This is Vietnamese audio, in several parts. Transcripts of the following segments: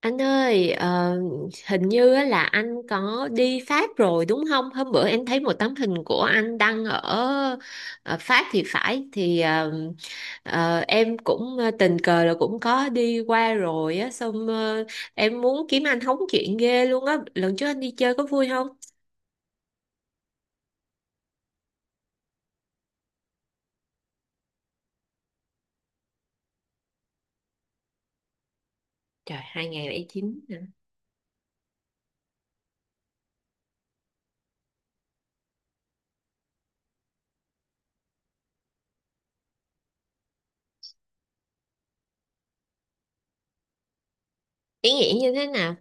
Anh ơi, hình như á là anh có đi Pháp rồi đúng không? Hôm bữa em thấy một tấm hình của anh đăng ở Pháp thì phải thì em cũng tình cờ là cũng có đi qua rồi á, xong em muốn kiếm anh hóng chuyện ghê luôn á. Lần trước anh đi chơi có vui không? Trời, 2009 hả? Ý nghĩa như thế nào?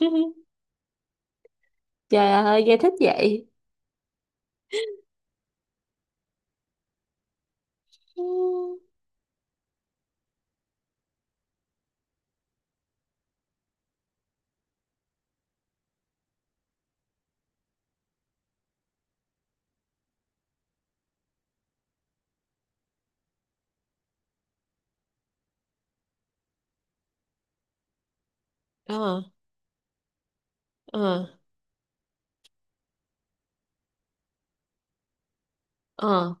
Trời ơi, nghe thích vậy. Ừ, ờ ờ ờ.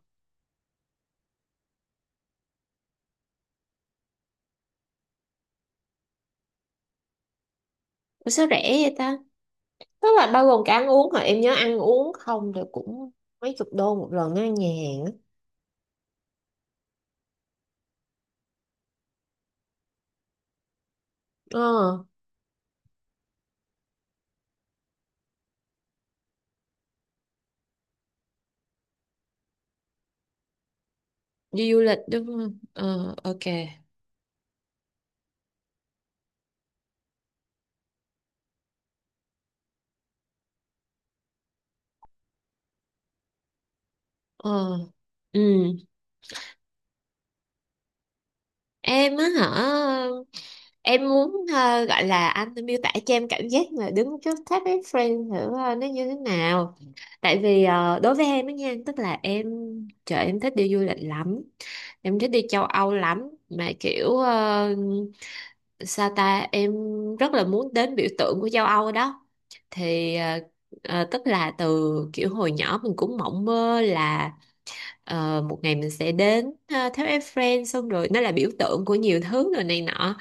Ủa sao rẻ vậy ta? Tức là bao gồm cả ăn uống hả? Em nhớ ăn uống không thì cũng mấy chục đô một lần á, nhà hàng á. Ờ, đi du lịch đúng không? Ờ, ok. Ờ. Ừ. Em á hả? Em muốn gọi là anh miêu tả cho em cảm giác mà đứng trước tháp Eiffel thử nó như thế nào. Tại vì đối với em á nha, tức là em, trời em thích đi du lịch lắm. Em thích đi châu Âu lắm mà kiểu sao ta, em rất là muốn đến biểu tượng của châu Âu đó thì tức là từ kiểu hồi nhỏ mình cũng mộng mơ là một ngày mình sẽ đến tháp Eiffel, xong rồi nó là biểu tượng của nhiều thứ rồi này nọ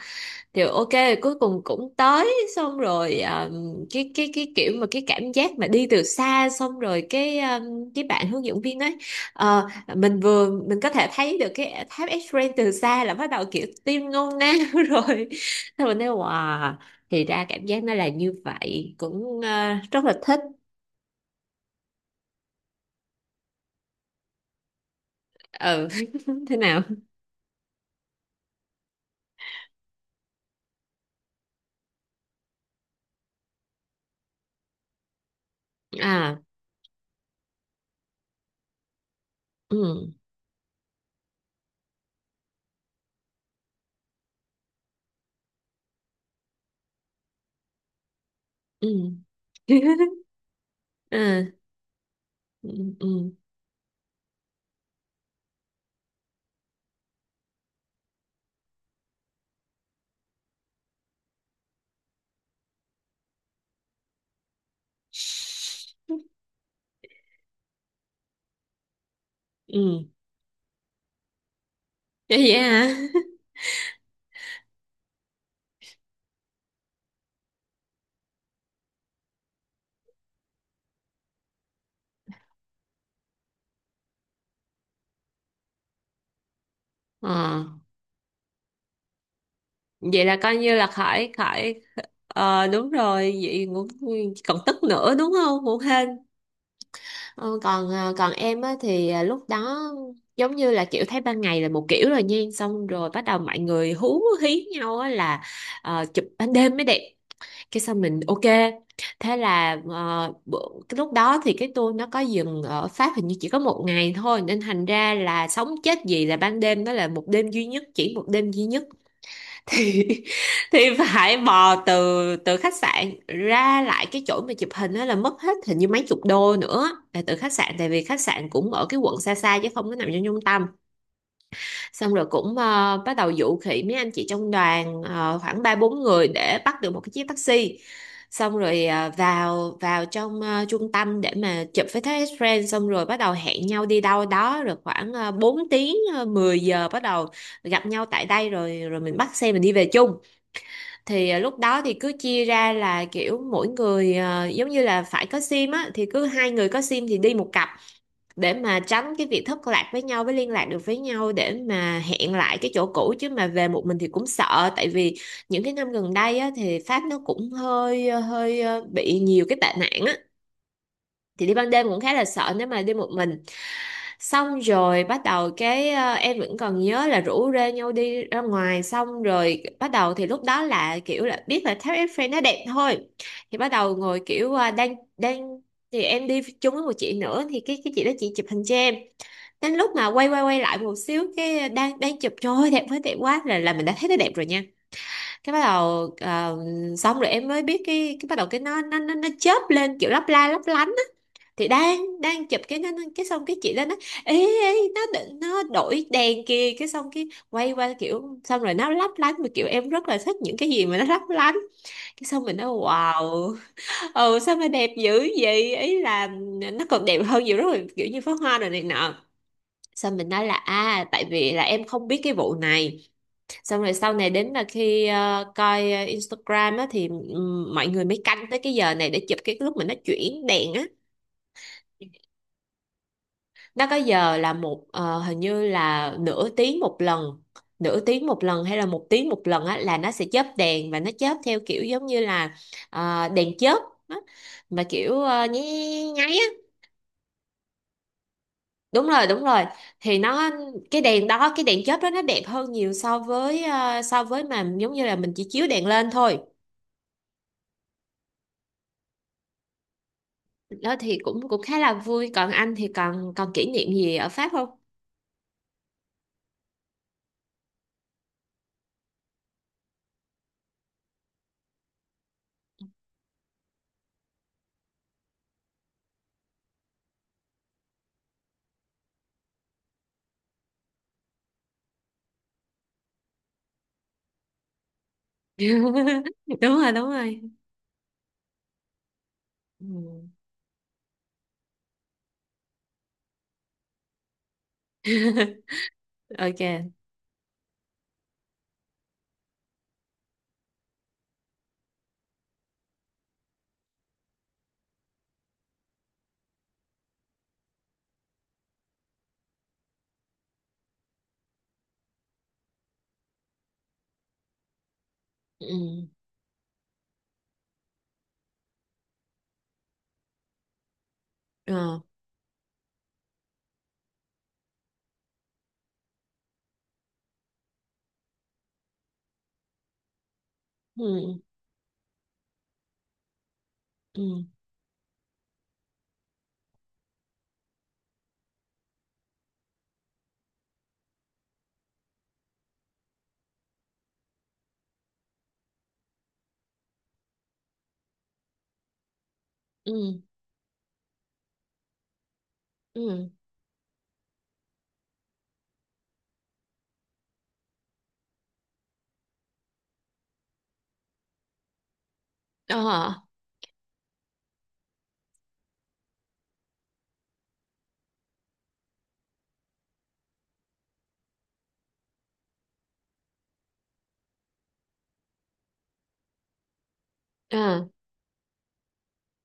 thì ok, cuối cùng cũng tới, xong rồi cái kiểu mà cái cảm giác mà đi từ xa xong rồi cái bạn hướng dẫn viên ấy, ờ, mình có thể thấy được cái tháp Eiffel từ xa là bắt đầu kiểu tim ngôn nao rồi, xong mình nói wow, thì ra cảm giác nó là như vậy cũng rất là thích. Ừ thế nào? À. Ừ. Ừ. À. Ừ. Ừ. Ừ. Vậy hả? Ờ. Vậy là coi như là khỏi khỏi. Ờ đúng rồi vậy cũng còn tức nữa đúng không, cũng hên. Ờ, còn em á thì lúc đó giống như là kiểu thấy ban ngày là một kiểu rồi nha, xong rồi bắt đầu mọi người hú hí nhau á là chụp ban đêm mới đẹp, cái xong mình ok, thế là cái lúc đó thì cái tour nó có dừng ở Pháp hình như chỉ có một ngày thôi nên thành ra là sống chết gì là ban đêm đó là một đêm duy nhất, chỉ một đêm duy nhất thì thì phải bò từ từ khách sạn ra lại cái chỗ mà chụp hình đó là mất hết hình như mấy chục đô nữa là từ khách sạn, tại vì khách sạn cũng ở cái quận xa xa chứ không có nằm trong trung tâm, xong rồi cũng bắt đầu dụ khỉ mấy anh chị trong đoàn khoảng ba bốn người để bắt được một cái chiếc taxi, xong rồi vào vào trong trung tâm để mà chụp với thế friend, xong rồi bắt đầu hẹn nhau đi đâu đó rồi khoảng bốn tiếng mười giờ bắt đầu gặp nhau tại đây, rồi rồi mình bắt xe mình đi về chung, thì à, lúc đó thì cứ chia ra là kiểu mỗi người à, giống như là phải có sim á thì cứ hai người có sim thì đi một cặp để mà tránh cái việc thất lạc với nhau, với liên lạc được với nhau để mà hẹn lại cái chỗ cũ, chứ mà về một mình thì cũng sợ, tại vì những cái năm gần đây á thì Pháp nó cũng hơi bị nhiều cái tệ nạn á, thì đi ban đêm cũng khá là sợ nếu mà đi một mình, xong rồi bắt đầu cái em vẫn còn nhớ là rủ rê nhau đi ra ngoài, xong rồi bắt đầu thì lúc đó là kiểu là biết là tháp Eiffel nó đẹp thôi, thì bắt đầu ngồi kiểu đang đang thì em đi chung với một chị nữa thì cái chị đó chị chụp hình cho em, đến lúc mà quay quay quay lại một xíu cái đang đang chụp trời ơi đẹp quá, đẹp quá là mình đã thấy nó đẹp rồi nha, cái bắt đầu xong rồi em mới biết cái bắt đầu cái nó chớp lên kiểu lấp la lấp lánh, thì đang đang chụp cái nó- cái xong cái chị đó nói ê, ê nó đ- nó đổi đèn kìa, cái xong cái quay qua kiểu xong rồi nó lấp lánh, mà kiểu em rất là thích những cái gì mà nó lấp lánh, cái xong mình nói wow, ừ sao mà đẹp dữ vậy, ý là nó còn đẹp hơn nhiều, rất là kiểu như pháo hoa rồi này nọ, xong mình nói là à tại vì là em không biết cái vụ này, xong rồi sau này đến là khi coi Instagram á, thì mọi người mới canh tới cái giờ này để chụp cái lúc mà nó chuyển đèn á. Nó có giờ là một hình như là nửa tiếng một lần, nửa tiếng một lần hay là một tiếng một lần á, là nó sẽ chớp đèn và nó chớp theo kiểu giống như là đèn chớp á, mà kiểu nháy nháy á, đúng rồi thì nó cái đèn đó, cái đèn chớp đó nó đẹp hơn nhiều so với mà giống như là mình chỉ chiếu đèn lên thôi, đó thì cũng cũng khá là vui, còn anh thì còn còn kỷ niệm gì ở Pháp không? Đúng rồi, đúng rồi. Ừ. Ok. Ừ. Ờ. Ừ. Ừ. Ừ. Ừ. Ờ. Ờ.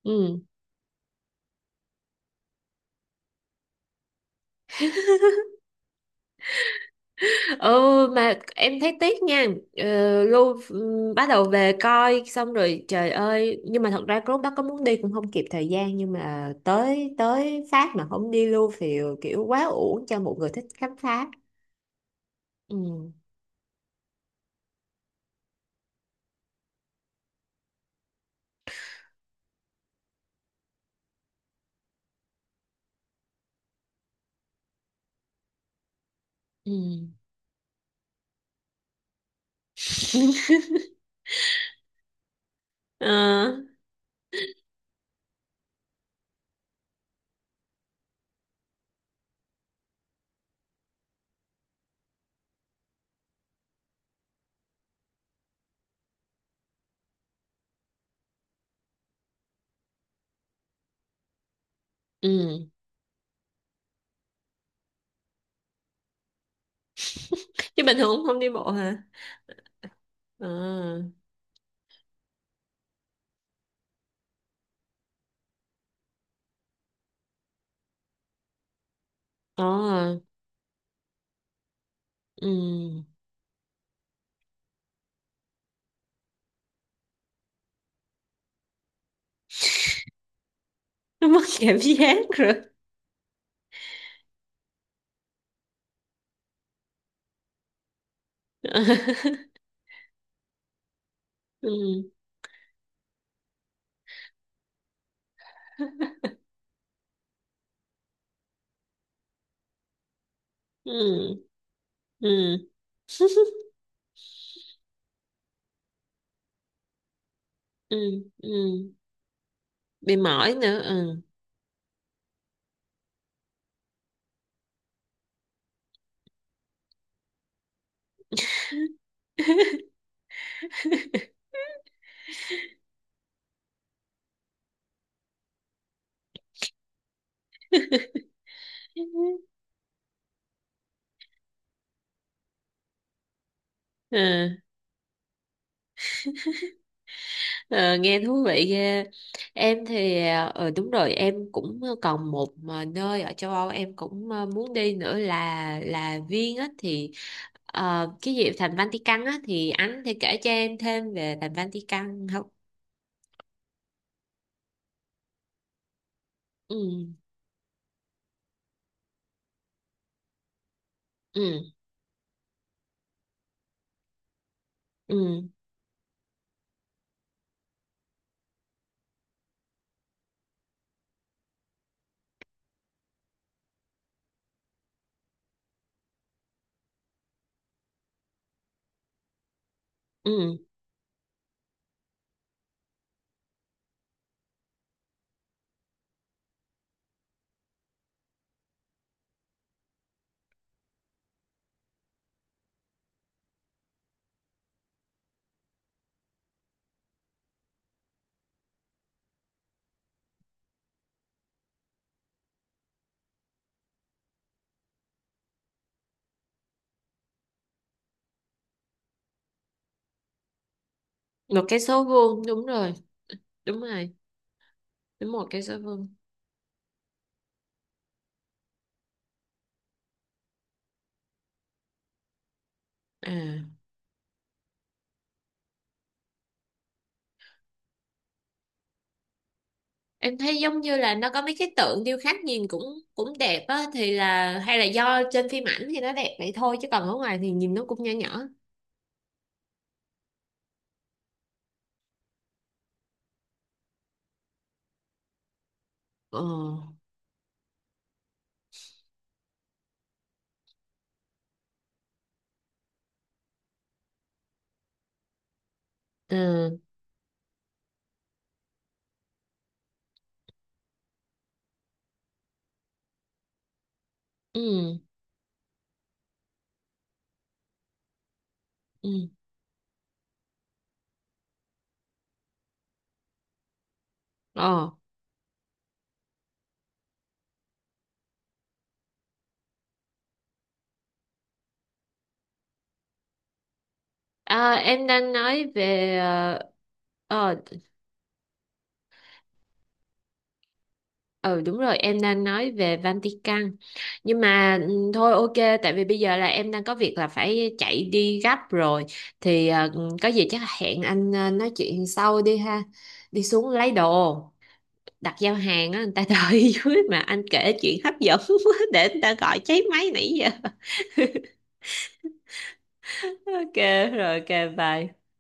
Ừ. Ừ, mà em thấy tiếc nha. Ờ, Lu ừ, bắt đầu về coi xong rồi trời ơi, nhưng mà thật ra lúc đó có muốn đi cũng không kịp thời gian, nhưng mà tới tới Pháp mà không đi Lu thì kiểu quá uổng cho một người thích khám phá. Ừ. Ừ. Ờ, ừ, chứ bình thường cũng không đi bộ hả? Ờ. Ờ. Ừ. Nó mất cảm giác rồi. Ừ. Ừ. Ừ. Ừ. Ừ, bị mỏi nữa, ừ. Ờ, ờ, nghe thú vị ghê. Em thì đúng rồi, em cũng còn một mà nơi ở châu Âu em cũng muốn đi nữa là Viên á, thì cái gì thành Vatican á, thì anh thì kể cho em thêm về thành Vatican không? Ừ. Ừ. Ừ. Ừ, một cái số vuông đúng rồi, đúng rồi, đúng một cái số vuông. À. Em thấy giống như là nó có mấy cái tượng điêu khắc nhìn cũng cũng đẹp á, thì là hay là do trên phim ảnh thì nó đẹp vậy thôi chứ còn ở ngoài thì nhìn nó cũng nhỏ nhỏ. Ờ. Ừ. Ừ. Ừ. Ờ. À, em đang nói về ờ, ừ đúng rồi em đang nói về Vatican, nhưng mà ừ, thôi ok, tại vì bây giờ là em đang có việc là phải chạy đi gấp rồi, thì có gì chắc hẹn anh nói chuyện sau đi ha. Đi xuống lấy đồ đặt giao hàng á, người ta đợi dưới mà anh kể chuyện hấp dẫn quá để người ta gọi cháy máy nãy giờ. Ok rồi, ok, bye.